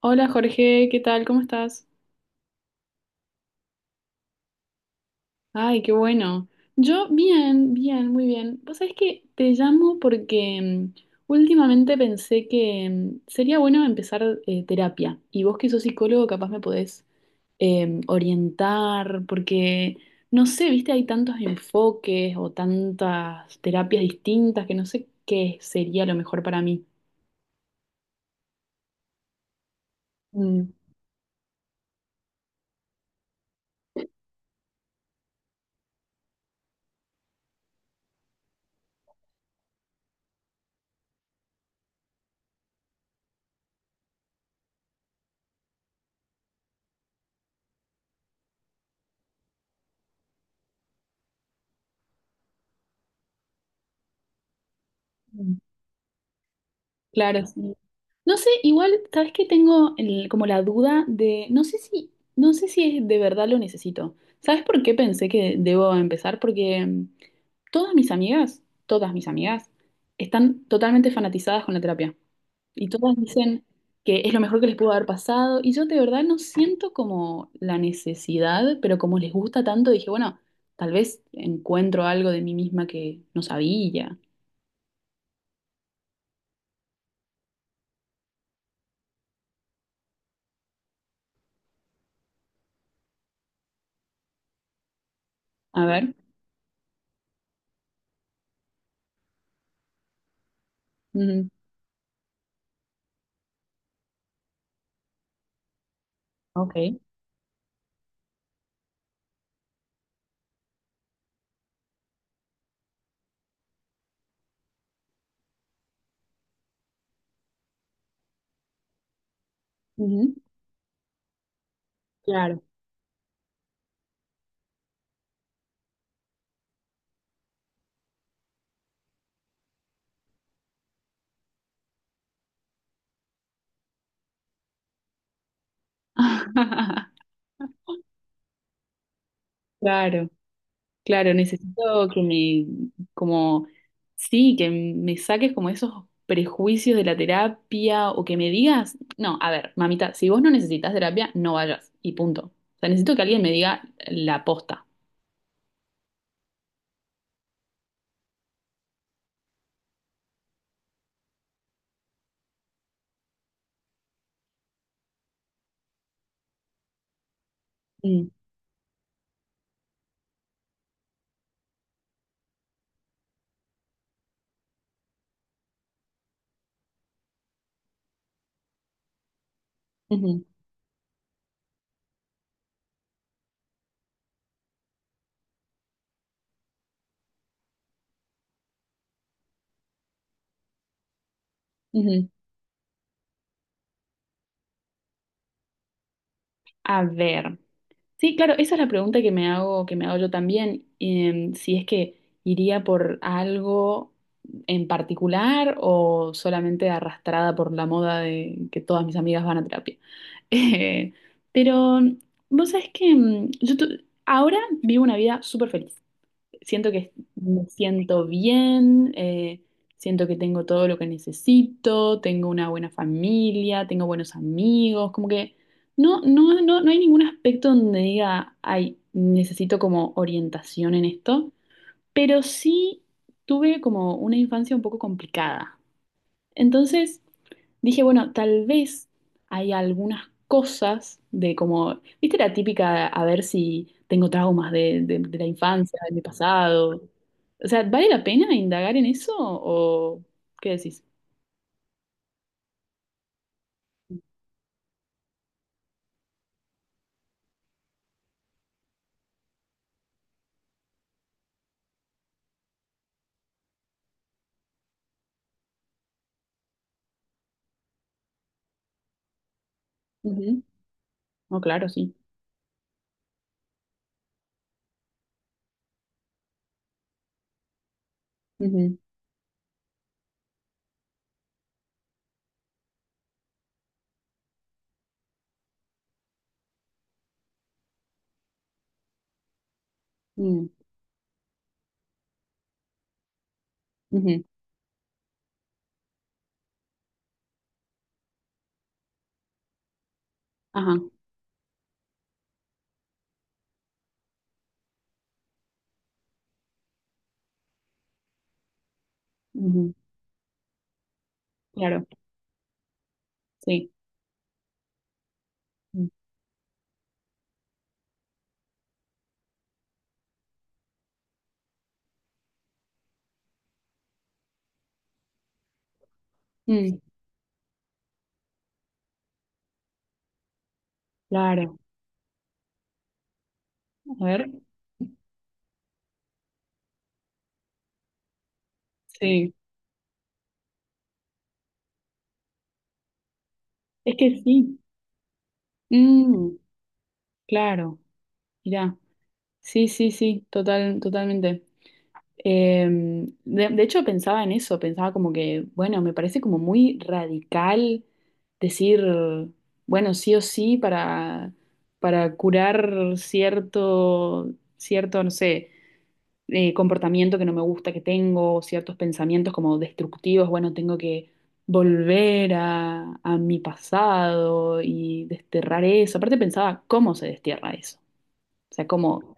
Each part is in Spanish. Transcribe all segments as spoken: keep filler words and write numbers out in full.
Hola Jorge, ¿qué tal? ¿Cómo estás? Ay, qué bueno. Yo bien, bien, muy bien. Vos sabés que te llamo porque mm, últimamente pensé que mm, sería bueno empezar eh, terapia y vos que sos psicólogo capaz me podés eh, orientar porque, no sé, viste, hay tantos enfoques o tantas terapias distintas que no sé qué sería lo mejor para mí. Mm. Claro, sí. No sé, igual, ¿sabes qué? Tengo el- como la duda de, no sé si, no sé si es de verdad lo necesito. ¿Sabes por qué pensé que debo empezar? Porque mm, todas mis amigas, todas mis amigas, están totalmente fanatizadas con la terapia. Y todas dicen que es lo mejor que les pudo haber pasado. Y yo de verdad no siento como la necesidad, pero como les gusta tanto, dije, bueno, tal vez encuentro algo de mí misma que no sabía. A ver. Ujú. Ok. Ujú. Claro. Claro, claro, necesito que me, como, sí, que me saques como esos prejuicios de la terapia o que me digas, no, a ver, mamita, si vos no necesitas terapia, no vayas y punto. O sea, necesito que alguien me diga la posta. Mm, ujú, ujú. A ver. Sí, claro, esa es la pregunta que me hago, que me hago yo también, em, si es que iría por algo en particular o solamente arrastrada por la moda de que todas mis amigas van a terapia. Eh, pero vos sabés que mm, yo tu- ahora vivo una vida súper feliz. Siento que me siento bien, eh, siento que tengo todo lo que necesito, tengo una buena familia, tengo buenos amigos, como que no, no, no, no hay ningún aspecto donde diga, ay, necesito como orientación en esto, pero sí tuve como una infancia un poco complicada. Entonces dije, bueno, tal vez hay algunas cosas de como, viste la típica, a ver si tengo traumas de, de- de la infancia, de mi pasado. O sea, ¿vale la pena indagar en eso o qué decís? Ujú. No, claro, sí. Ujú. Mm. Ujú. Ajá. Ujú. Claro, sí. Mm. Mm. Claro. A ver. Sí. Es que sí. Mm. Claro. Mirá. Sí, sí, sí. Total, totalmente. Em, de, de hecho pensaba en eso, pensaba como que, bueno, me parece como muy radical decir, bueno, sí o sí para, para curar cierto, cierto, no sé, eh, comportamiento que no me gusta que tengo, ciertos pensamientos como destructivos, bueno, tengo que volver a, a mi pasado y desterrar eso. Aparte pensaba, ¿cómo se destierra eso? O sea, ¿cómo?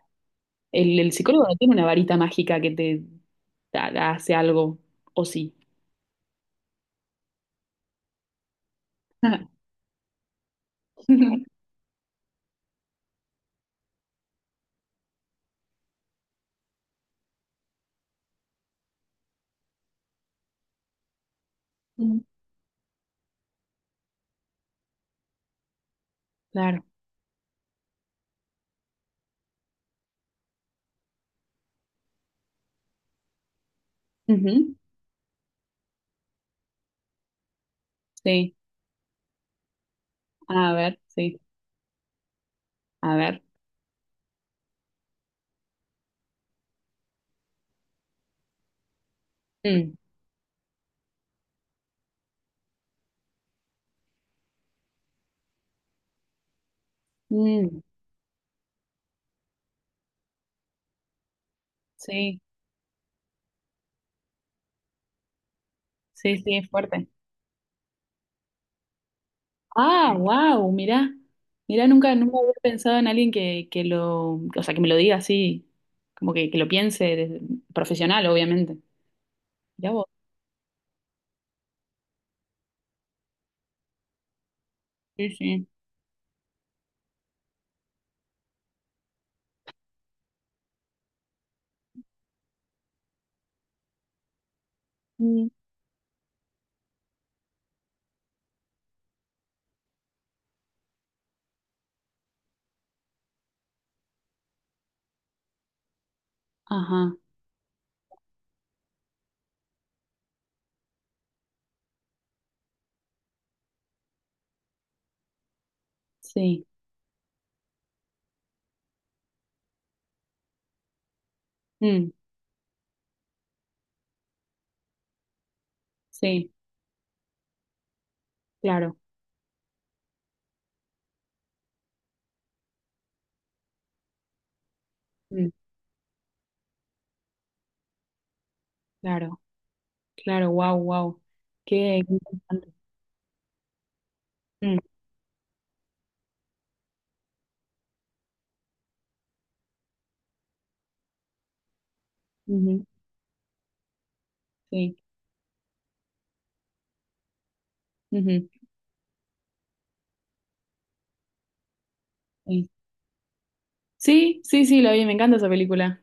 El, el psicólogo no tiene una varita mágica que te ha- hace algo, o sí. Mm. Claro. Ujú. Sí, a ver, sí, a ver. Mm. Mm. Sí, sí, sí, es fuerte. Ah, wow, mirá. Mirá, nunca, nunca había pensado en alguien que, que lo, o sea, que me lo diga así, como que, que lo piense desde- profesional, obviamente. Mirá vos. Sí, sí. Mm. Ajá, sí. Mm. Sí, claro. Mm. Claro. Claro, wow, wow. Qué qué interesante. Mm, ujú, sí, ujú, sí. Sí, sí, sí, la vi, me encanta esa película.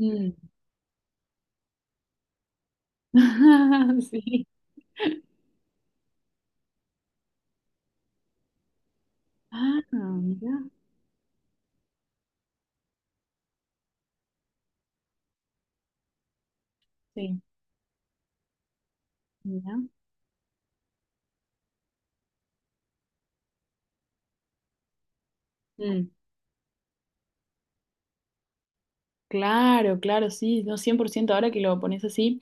Mm. Sí. Ah, mira, sí, mira. Mm, claro, claro, sí, no, cien por ciento. Ahora que lo pones así.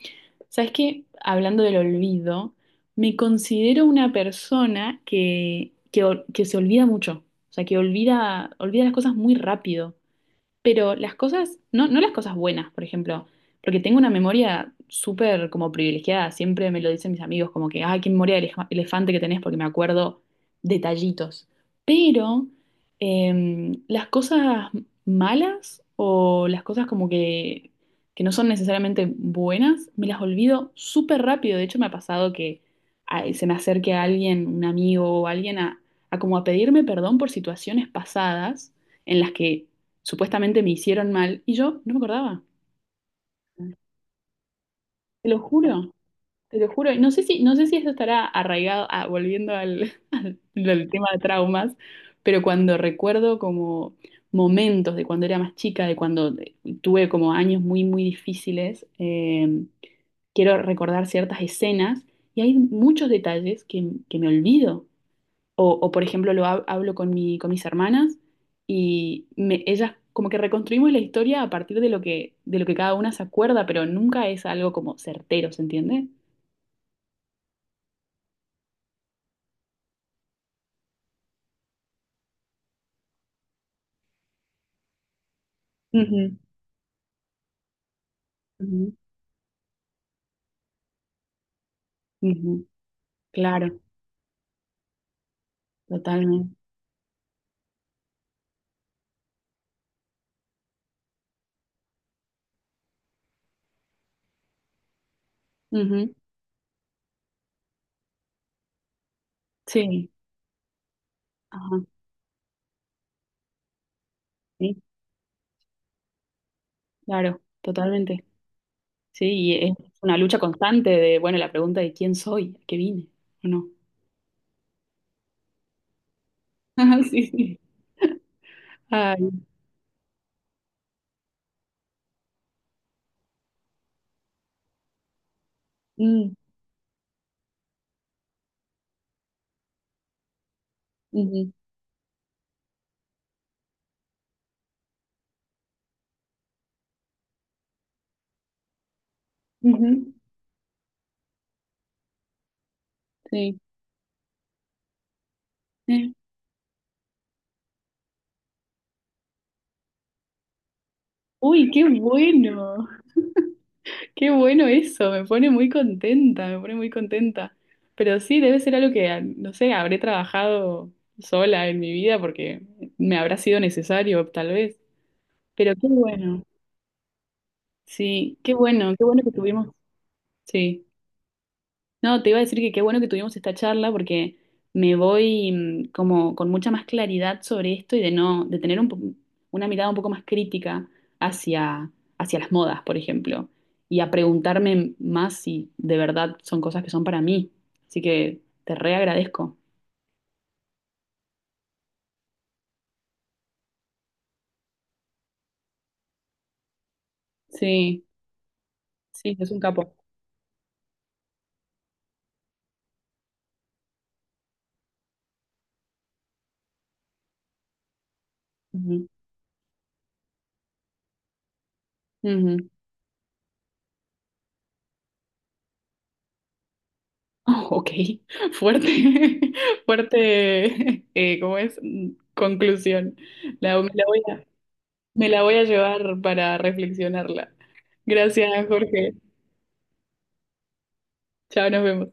¿Sabes qué? Hablando del olvido, me considero una persona que, que, ol- que se olvida mucho, o sea, que olvida, olvida las cosas muy rápido. Pero las cosas, no, no las cosas buenas, por ejemplo, porque tengo una memoria súper como privilegiada, siempre me lo dicen mis amigos, como que, ay, qué memoria de elef- elefante que tenés, porque me acuerdo detallitos. Pero em, las cosas malas o las cosas como que, que no son necesariamente buenas, me las olvido súper rápido. De hecho, me ha pasado que ay, se me acerque a alguien, un amigo o alguien, a, a como a pedirme perdón por situaciones pasadas en las que supuestamente me hicieron mal y yo no me acordaba. Te lo juro, te lo juro. Y no sé si, no sé si eso estará arraigado, ah, volviendo al, al tema de traumas, pero cuando recuerdo como momentos de cuando era más chica, de cuando eh, tuve como años muy, muy difíciles, eh, quiero recordar ciertas escenas y hay muchos detalles que, que me olvido. O, o, por ejemplo, lo hab- hablo con mi, con mis hermanas y me- ellas como que reconstruimos la historia a partir de lo que, de lo que cada una se acuerda, pero nunca es algo como certero, ¿se entiende? Ujú. Ujú. Ujú. Claro, totalmente. Ujú. Sí, ajá, sí, claro, totalmente. Sí, y es una lucha constante de, bueno, la pregunta de quién soy, a qué vine, o no. Ajá, sí, sí. Ay, mm, ujú, ujú, sí. Eh, uy, qué bueno. Qué bueno eso, me pone muy contenta, me pone muy contenta. Pero sí, debe ser algo que, no sé, habré trabajado sola en mi vida porque me habrá sido necesario, tal vez. Pero qué bueno, sí, qué bueno, qué bueno que tuvimos, sí. No, te iba a decir que qué bueno que tuvimos esta charla porque me voy mm, como con mucha más claridad sobre esto y de no, de tener un po- una mirada un poco más crítica hacia, hacia las modas, por ejemplo, y a preguntarme más si de verdad son cosas que son para mí. Así que te reagradezco. Sí, sí, es un capo. Ujú, ujú. Oh, ok, fuerte, fuerte, eh, ¿cómo es? Mm, conclusión. La, la voy a- Me la voy a llevar para reflexionarla. Gracias, Jorge. Chao, nos vemos.